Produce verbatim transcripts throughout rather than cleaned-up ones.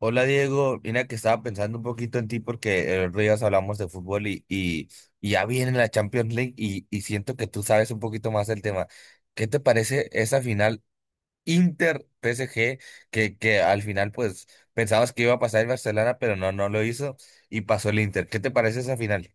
Hola Diego, mira que estaba pensando un poquito en ti porque el otro día hablamos de fútbol y, y, y ya viene la Champions League y, y siento que tú sabes un poquito más del tema. ¿Qué te parece esa final Inter-P S G que, que al final pues pensabas que iba a pasar el Barcelona pero no, no lo hizo y pasó el Inter? ¿Qué te parece esa final?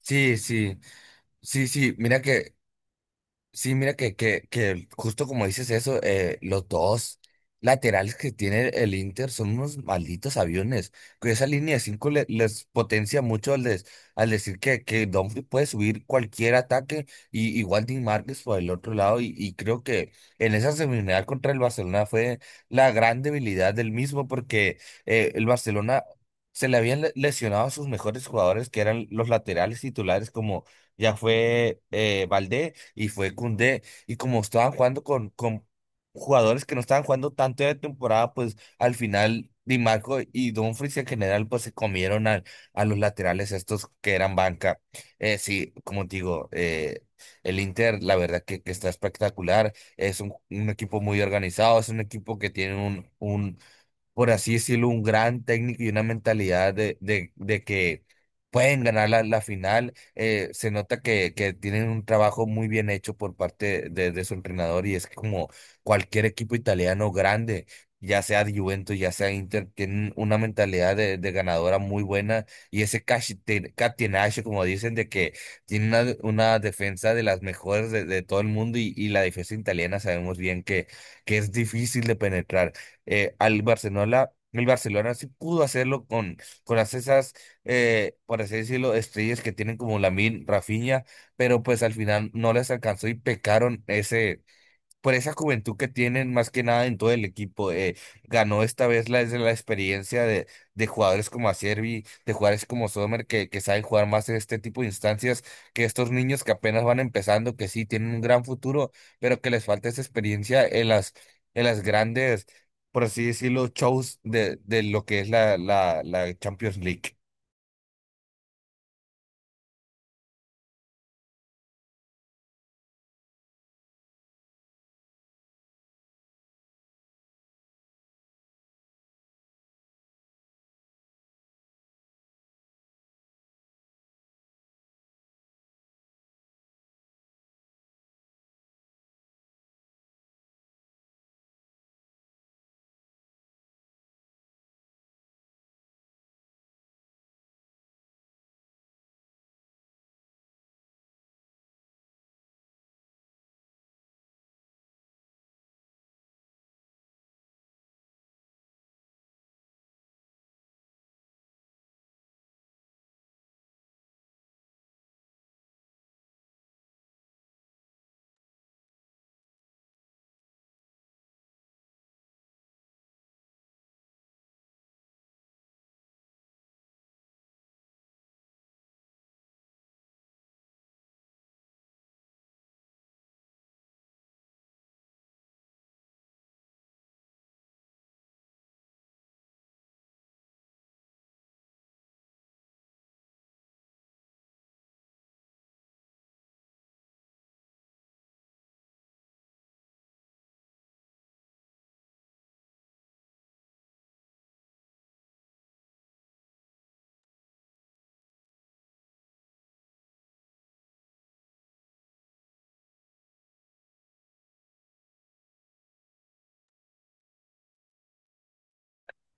Sí, sí, sí, sí, mira que Sí, mira que, que, que justo como dices eso, eh, los dos laterales que tiene el Inter son unos malditos aviones. Que esa línea de cinco le- les potencia mucho al, des- al decir que, que Dumfries puede subir cualquier ataque y igual Dean Márquez por el otro lado. Y, y creo que en esa semifinal contra el Barcelona fue la gran debilidad del mismo porque eh, el Barcelona se le habían le- lesionado a sus mejores jugadores que eran los laterales titulares como ya fue eh, Valdé y fue Koundé. Y como estaban jugando con, con jugadores que no estaban jugando tanto de temporada, pues al final Di Marco y Dumfries en general pues se comieron al- a, los laterales estos que eran banca. Eh, sí, como te digo, eh, el Inter la verdad que, que está espectacular. Es un, un equipo muy organizado, es un equipo que tiene un, un, por así decirlo, un gran técnico y una mentalidad de, de, de que pueden ganar la, la final. Eh, se nota que, que tienen un trabajo muy bien hecho por parte de, de su entrenador y es como cualquier equipo italiano grande. Ya sea Juventus, ya sea Inter, tienen una mentalidad de, de ganadora muy buena y ese cachi- te- catenaccio, como dicen, de que tiene una, una defensa de las mejores de, de todo el mundo y, y la defensa italiana sabemos bien que, que es difícil de penetrar eh, al Barcelona. El Barcelona sí pudo hacerlo con, con las esas, eh, por así decirlo, estrellas que tienen como Lamine, Rafinha, pero pues al final no les alcanzó y pecaron ese por esa juventud que tienen más que nada en todo el equipo. Eh, ganó esta vez la, es la experiencia de, de jugadores como Acerbi, de jugadores como Sommer, que, que saben jugar más en este tipo de instancias, que estos niños que apenas van empezando, que sí tienen un gran futuro, pero que les falta esa experiencia en las, en las grandes, por así decirlo, shows de, de lo que es la, la, la Champions League.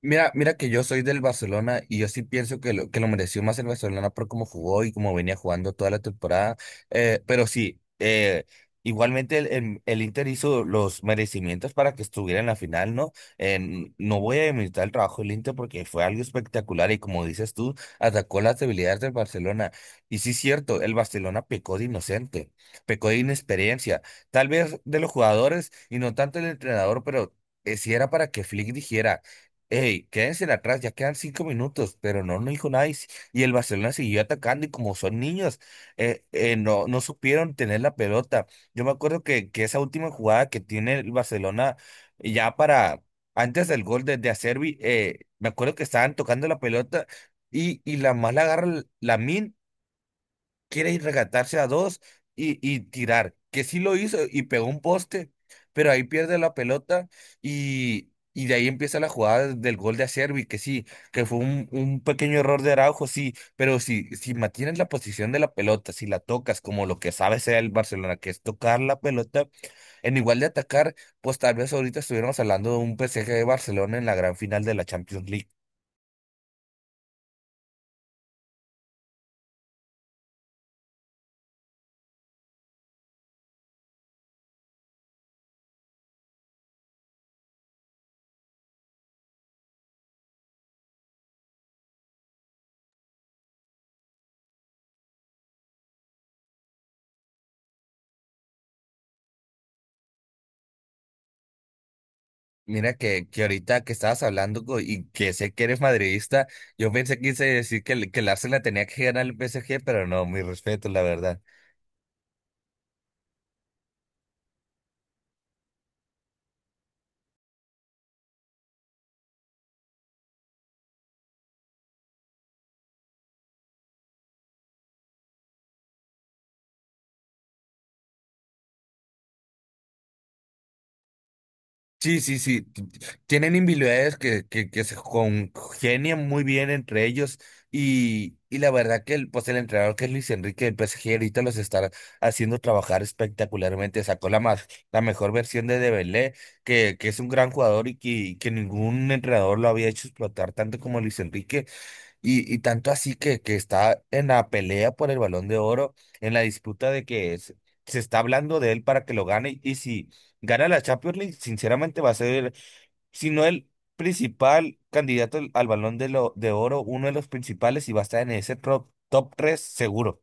Mira, mira que yo soy del Barcelona y yo sí pienso que lo, que lo mereció más el Barcelona por cómo jugó y cómo venía jugando toda la temporada. Eh, pero sí, eh, igualmente el, el, el Inter hizo los merecimientos para que estuviera en la final, ¿no? En- no voy a demeritar el trabajo del Inter porque fue algo espectacular y como dices tú, atacó las debilidades del Barcelona. Y sí es cierto, el Barcelona pecó de inocente, pecó de inexperiencia, tal vez de los jugadores y no tanto el entrenador, pero eh, si era para que Flick dijera: "Ey, quédense atrás, ya quedan cinco minutos", pero no, no dijo nada. Y, si- Y el Barcelona siguió atacando y como son niños, eh, eh, no, no supieron tener la pelota. Yo me acuerdo que, que esa última jugada que tiene el Barcelona ya para, antes del gol de, de Acerbi, eh, me acuerdo que estaban tocando la pelota y, y la más la agarra, la quiere ir regatarse a dos y, y tirar, que sí lo hizo y pegó un poste, pero ahí pierde la pelota y, y de ahí empieza la jugada del gol de Acerbi, que sí, que fue un, un pequeño error de Araujo, sí, pero si, si mantienes la posición de la pelota, si la tocas como lo que sabe sea el Barcelona, que es tocar la pelota, en igual de atacar, pues tal vez ahorita estuviéramos hablando de un P S G de Barcelona en la gran final de la Champions League. Mira que, que ahorita que estabas hablando co- y que sé que eres madridista, yo pensé que quise decir que, el- que el Arsenal tenía que ganar el P S G, pero no, mi respeto, la verdad. Sí, sí, sí. t- t- Tienen individualidades que, que, que se congenian muy bien entre ellos. Y, y la verdad que el, pues el entrenador que es Luis Enrique del P S G ahorita los está haciendo trabajar espectacularmente. Sacó la, más, la mejor versión de Dembélé, que, que es un gran jugador y que, que ningún entrenador lo había hecho explotar tanto como Luis Enrique. Y, y tanto así que, que está en la pelea por el Balón de Oro, en la disputa de que se, se está hablando de él para que lo gane. Y si gana la Champions League, sinceramente va a ser, si no el principal candidato al, al Balón de, lo- de Oro, uno de los principales y va a estar en ese top, top tres seguro.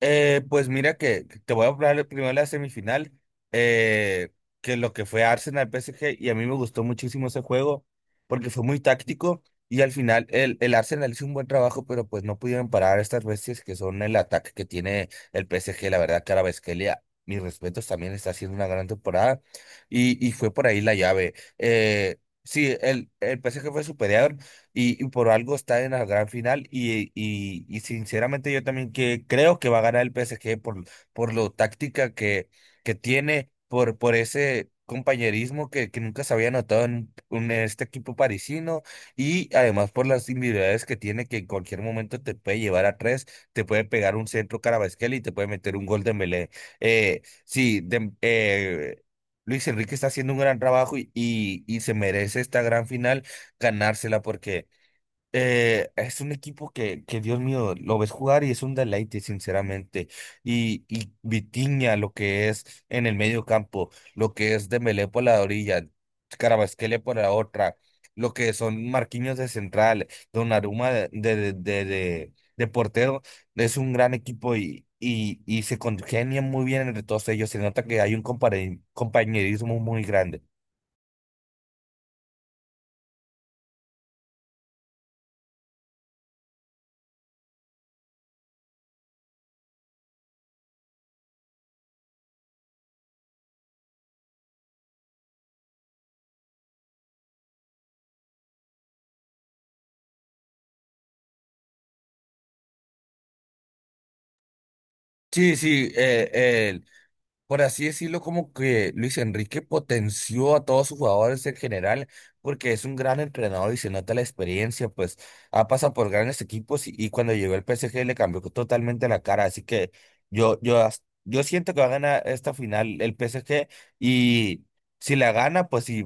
Eh, pues mira que que te voy a hablar primero de la semifinal, eh, que lo que fue Arsenal P S G, y a mí me gustó muchísimo ese juego porque fue muy táctico y al final el, el Arsenal hizo un buen trabajo, pero pues no pudieron parar a estas bestias que son el ataque que tiene el P S G, la verdad, Kvaratskhelia, mis respetos, también está haciendo una gran temporada y, y fue por ahí la llave. Eh, sí, el, el P S G fue superior, y, y por algo está en la gran final y, y, y sinceramente yo también que creo que va a ganar el P S G por, por lo táctica que, que tiene, por, por ese compañerismo que, que nunca se había notado en, un- en este equipo parisino y además por las individualidades que tiene que en cualquier momento te puede llevar a tres, te puede pegar un centro Carabasquel y te puede meter un gol de Melé. Eh, sí, de- eh, Luis Enrique está haciendo un gran trabajo y, y y se merece esta gran final ganársela porque eh, es un equipo que, que, Dios mío, lo ves jugar y es un deleite, sinceramente. Y, y Vitinha, lo que es en el medio campo, lo que es Dembélé por la orilla, Carabasquele por la otra, lo que son Marquinhos de central, Donnarumma de, de, de, de, de- de portero, es un gran equipo y, y, y se congenian muy bien entre todos ellos. Se nota que hay un compare- compañerismo muy grande. Sí, sí, por así decirlo, como que Luis Enrique potenció a todos sus jugadores en general, porque es un gran entrenador y se nota la experiencia, pues ha pasado por grandes equipos y, y cuando llegó el P S G le cambió totalmente la cara, así que yo, yo, as- yo siento que va a ganar esta final el P S G y si la gana, pues sí,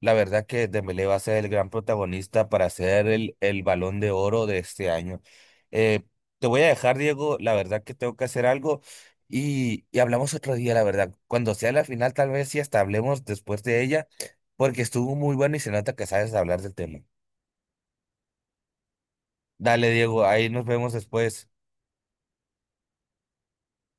la verdad que Dembélé va a ser el gran protagonista para ser el, el Balón de Oro de este año. Eh, Te voy a dejar, Diego, la verdad que tengo que hacer algo. Y, y hablamos otro día, la verdad. Cuando sea la final, tal vez sí hasta hablemos después de ella, porque estuvo muy bueno y se nota que sabes hablar del tema. Dale, Diego, ahí nos vemos después.